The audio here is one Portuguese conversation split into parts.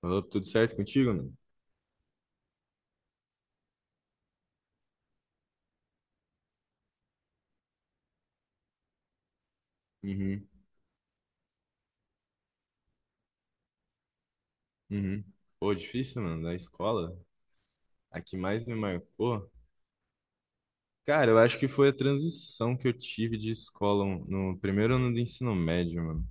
Falou tudo certo contigo, mano? Uhum, uhum. Pô, difícil, mano, da escola. A que mais me marcou. Cara, eu acho que foi a transição que eu tive de escola um, no primeiro ano do ensino médio, mano.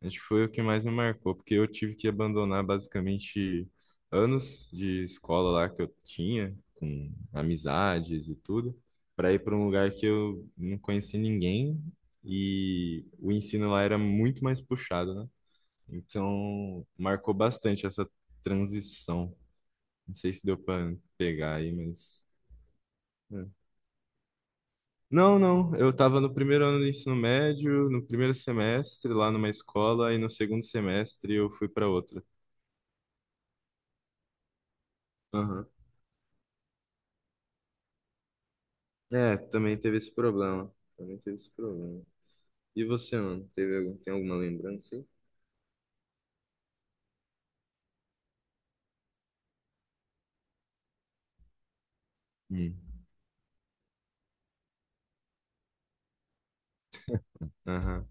Acho que foi o que mais me marcou, porque eu tive que abandonar basicamente anos de escola lá que eu tinha, com amizades e tudo, para ir para um lugar que eu não conhecia ninguém e o ensino lá era muito mais puxado, né? Então, marcou bastante essa transição. Não sei se deu para pegar aí, mas. É. Não, não. Eu estava no primeiro ano do ensino médio, no primeiro semestre, lá numa escola, e no segundo semestre eu fui para outra. Aham. É, também teve esse problema. Também teve esse problema. E você, mano? Teve algum, tem alguma lembrança aí? Hum. Aham.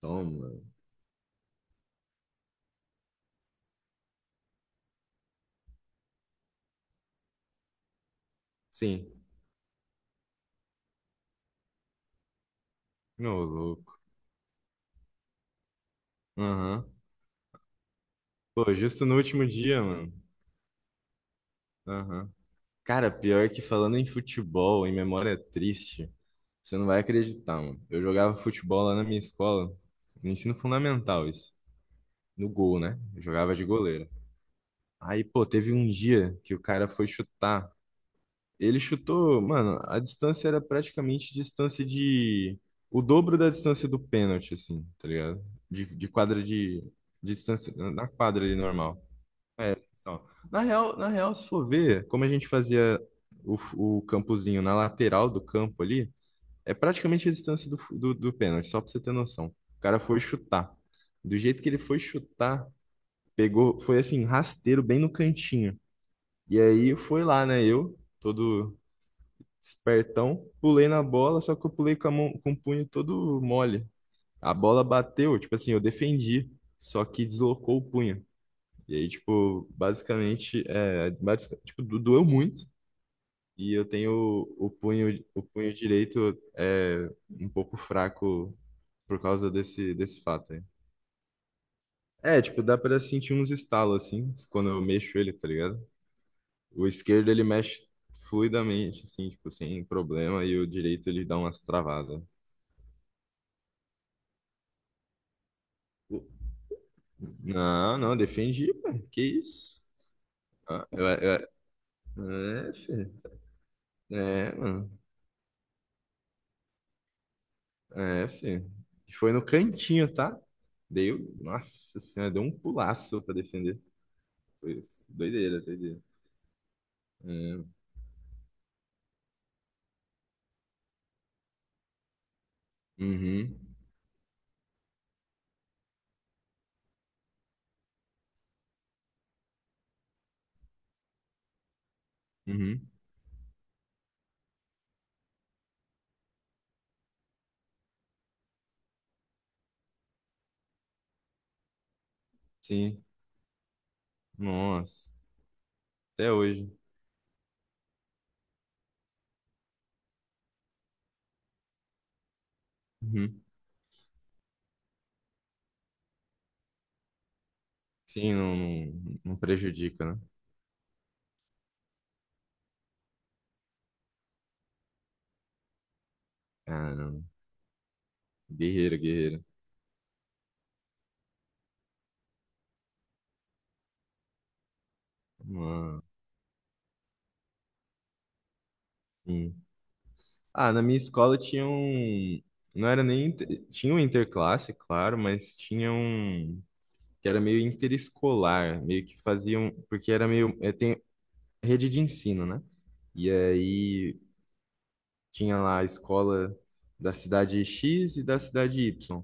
Toma. Sim. Ô, louco. Aham. Pô, justo no último dia, mano. Aham. Cara, pior que falando em futebol, em memória triste, você não vai acreditar, mano. Eu jogava futebol lá na minha escola, no ensino fundamental, isso. No gol, né? Eu jogava de goleiro. Aí, pô, teve um dia que o cara foi chutar. Ele chutou, mano, a distância era praticamente distância de. O dobro da distância do pênalti, assim, tá ligado? De quadra de. Distância. Na quadra ali normal. É, só. Na real, se for ver, como a gente fazia o campozinho na lateral do campo ali, é praticamente a distância do pênalti, só pra você ter noção. O cara foi chutar. Do jeito que ele foi chutar, pegou, foi assim, rasteiro bem no cantinho. E aí foi lá, né? Eu, todo espertão, pulei na bola, só que eu pulei com a mão, com o punho todo mole. A bola bateu, tipo assim, eu defendi, só que deslocou o punho. E aí, tipo, basicamente, tipo, doeu muito. E eu tenho o punho direito é, um pouco fraco por causa desse fato aí. É, tipo, dá pra sentir uns estalos, assim, quando eu mexo ele, tá ligado? O esquerdo, ele mexe fluidamente, assim, tipo, sem problema. E o direito, ele dá umas travadas. Não, não, defendi, pô. Que isso? Ah, eu, é, filho. É, mano. É, filho. Foi no cantinho, tá? Dei, nossa senhora, deu um pulaço pra defender. Foi doideira, doideira. É, uhum, uhum, sim. Nossa, até hoje. Uhum. Sim, não, não, não prejudica, né? Caramba, guerreira, guerreira. Nossa, sim. Ah, na minha escola tinha um. Não era nem. Tinha um interclasse, claro, mas tinha um. Que era meio interescolar, meio que faziam. Porque era meio. É, tem, rede de ensino, né? E aí tinha lá a escola da cidade X e da cidade Y.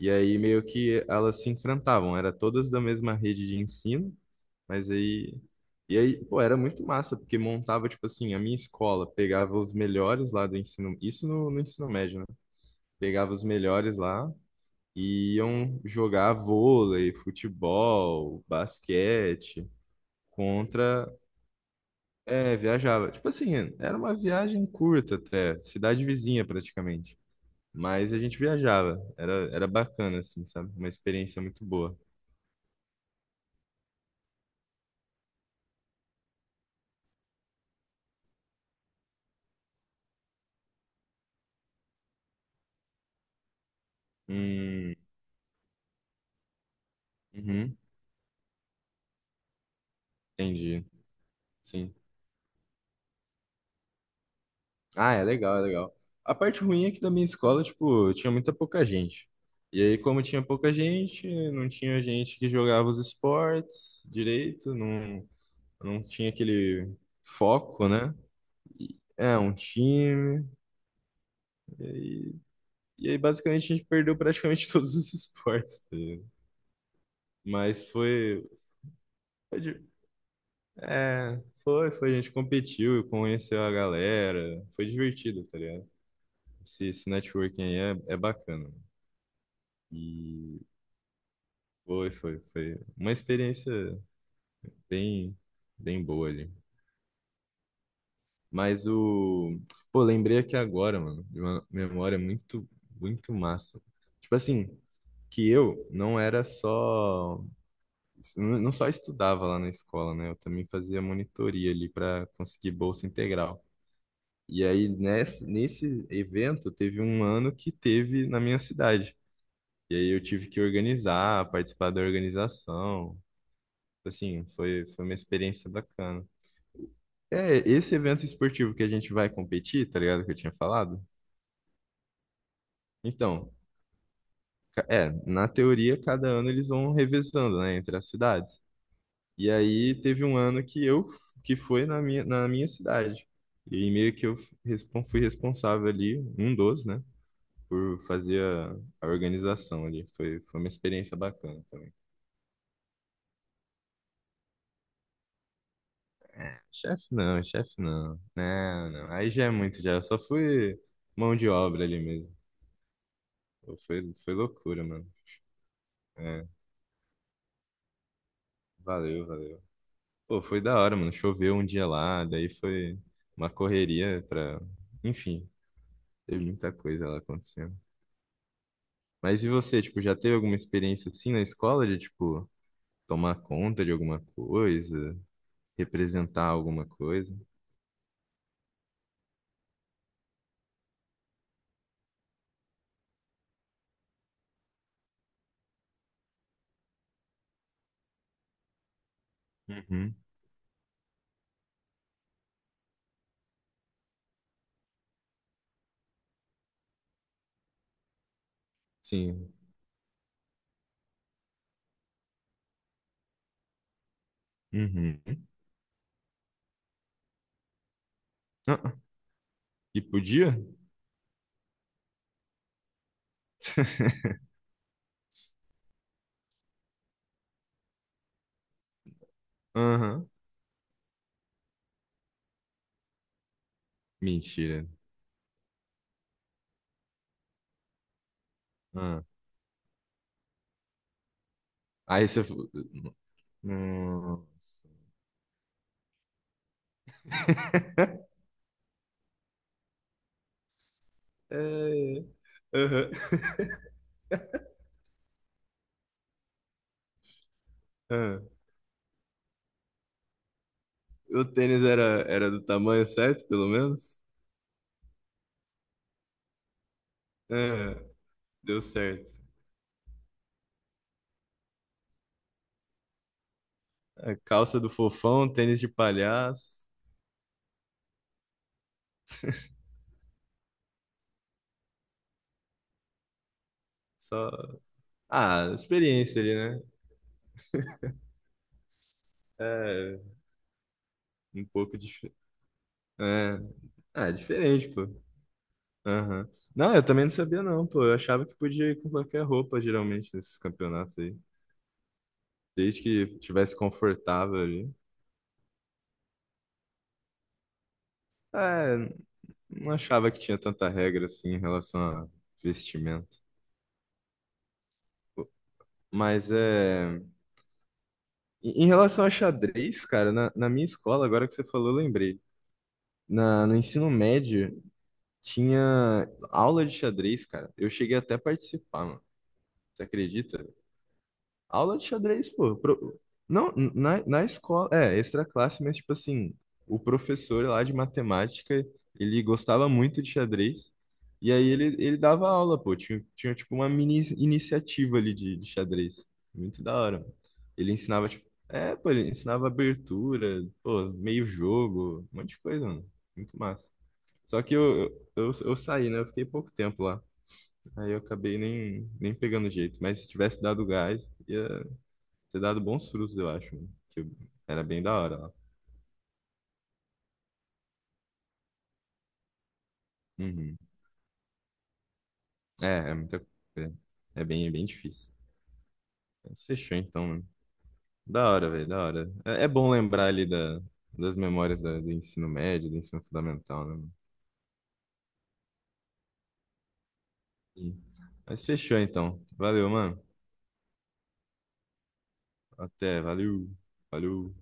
E aí meio que elas se enfrentavam, era todas da mesma rede de ensino, mas aí e aí, pô, era muito massa, porque montava, tipo assim, a minha escola pegava os melhores lá do ensino, isso no ensino médio, né? Pegava os melhores lá e iam jogar vôlei, futebol, basquete contra. É, viajava. Tipo assim, era uma viagem curta até, cidade vizinha praticamente. Mas a gente viajava, era bacana, assim, sabe? Uma experiência muito boa. Hum, uhum, entendi, sim. Ah, é legal, é legal. A parte ruim é que da minha escola, tipo, tinha muita pouca gente. E aí, como tinha pouca gente, não tinha gente que jogava os esportes direito, não, não tinha aquele foco, né? É, um time. E aí, basicamente, a gente perdeu praticamente todos os esportes, tá ligado? Mas foi, foi di- É, foi, foi. A gente competiu, conheceu a galera. Foi divertido, tá ligado? Esse networking aí é bacana. E foi uma experiência bem, bem boa ali. Mas o. Pô, lembrei aqui agora, mano, de uma memória muito, muito massa. Tipo assim, que eu não só estudava lá na escola, né? Eu também fazia monitoria ali para conseguir bolsa integral. E aí, nesse evento, teve um ano que teve na minha cidade. E aí eu tive que organizar, participar da organização. Assim, foi uma experiência bacana. É, esse evento esportivo que a gente vai competir, tá ligado? Que eu tinha falado. Então, na teoria, cada ano eles vão revezando, né, entre as cidades. E aí teve um ano que foi na minha cidade. E meio que eu fui responsável ali, um dos, né, por fazer a organização ali. Foi uma experiência bacana também. Chefe não, chefe não. Não, não. Aí já é muito, já. Eu só fui mão de obra ali mesmo. Pô, foi loucura, mano. É, valeu, valeu. Pô, foi da hora, mano. Choveu um dia lá, daí foi uma correria pra. Enfim, teve muita coisa lá acontecendo. Mas e você, tipo, já teve alguma experiência assim na escola de, tipo, tomar conta de alguma coisa, representar alguma coisa? Uhum. Sim. Uhum. Ah, ah. E podia? Aham. Mentira. Ah. Aí você. Nossa. É. Aham. Ah, o tênis era do tamanho certo, pelo menos? Ah, deu certo. A calça do fofão, tênis de palhaço, só. Ah, experiência ali, né? É um pouco diferente. É... Ah, é diferente, pô. Aham. Não, eu também não sabia, não, pô. Eu achava que podia ir com qualquer roupa, geralmente, nesses campeonatos aí. Desde que tivesse confortável ali. É, não achava que tinha tanta regra assim em relação a vestimento. Mas é. Em relação a xadrez, cara, na minha escola, agora que você falou, eu lembrei. No ensino médio, tinha aula de xadrez, cara. Eu cheguei até a participar, mano. Você acredita? Aula de xadrez, pô. Não, na escola, é, extra classe, mas tipo assim, o professor lá de matemática, ele gostava muito de xadrez, e aí ele dava aula, pô. Tinha tipo uma mini iniciativa ali de xadrez. Muito da hora, mano. Ele ensinava, tipo, ele ensinava abertura, pô, meio jogo, um monte de coisa, mano. Muito massa. Só que eu saí, né? Eu fiquei pouco tempo lá. Aí eu acabei nem pegando jeito. Mas se tivesse dado gás, ia ter dado bons frutos, eu acho, né? Que eu- Era bem da hora lá. Uhum. É muita coisa. É bem difícil. Mas fechou então, mano. Da hora, velho, da hora. É, é bom lembrar ali das memórias do ensino médio, do ensino fundamental, né, mano? Sim. Mas fechou então. Valeu, mano. Até, valeu. Valeu.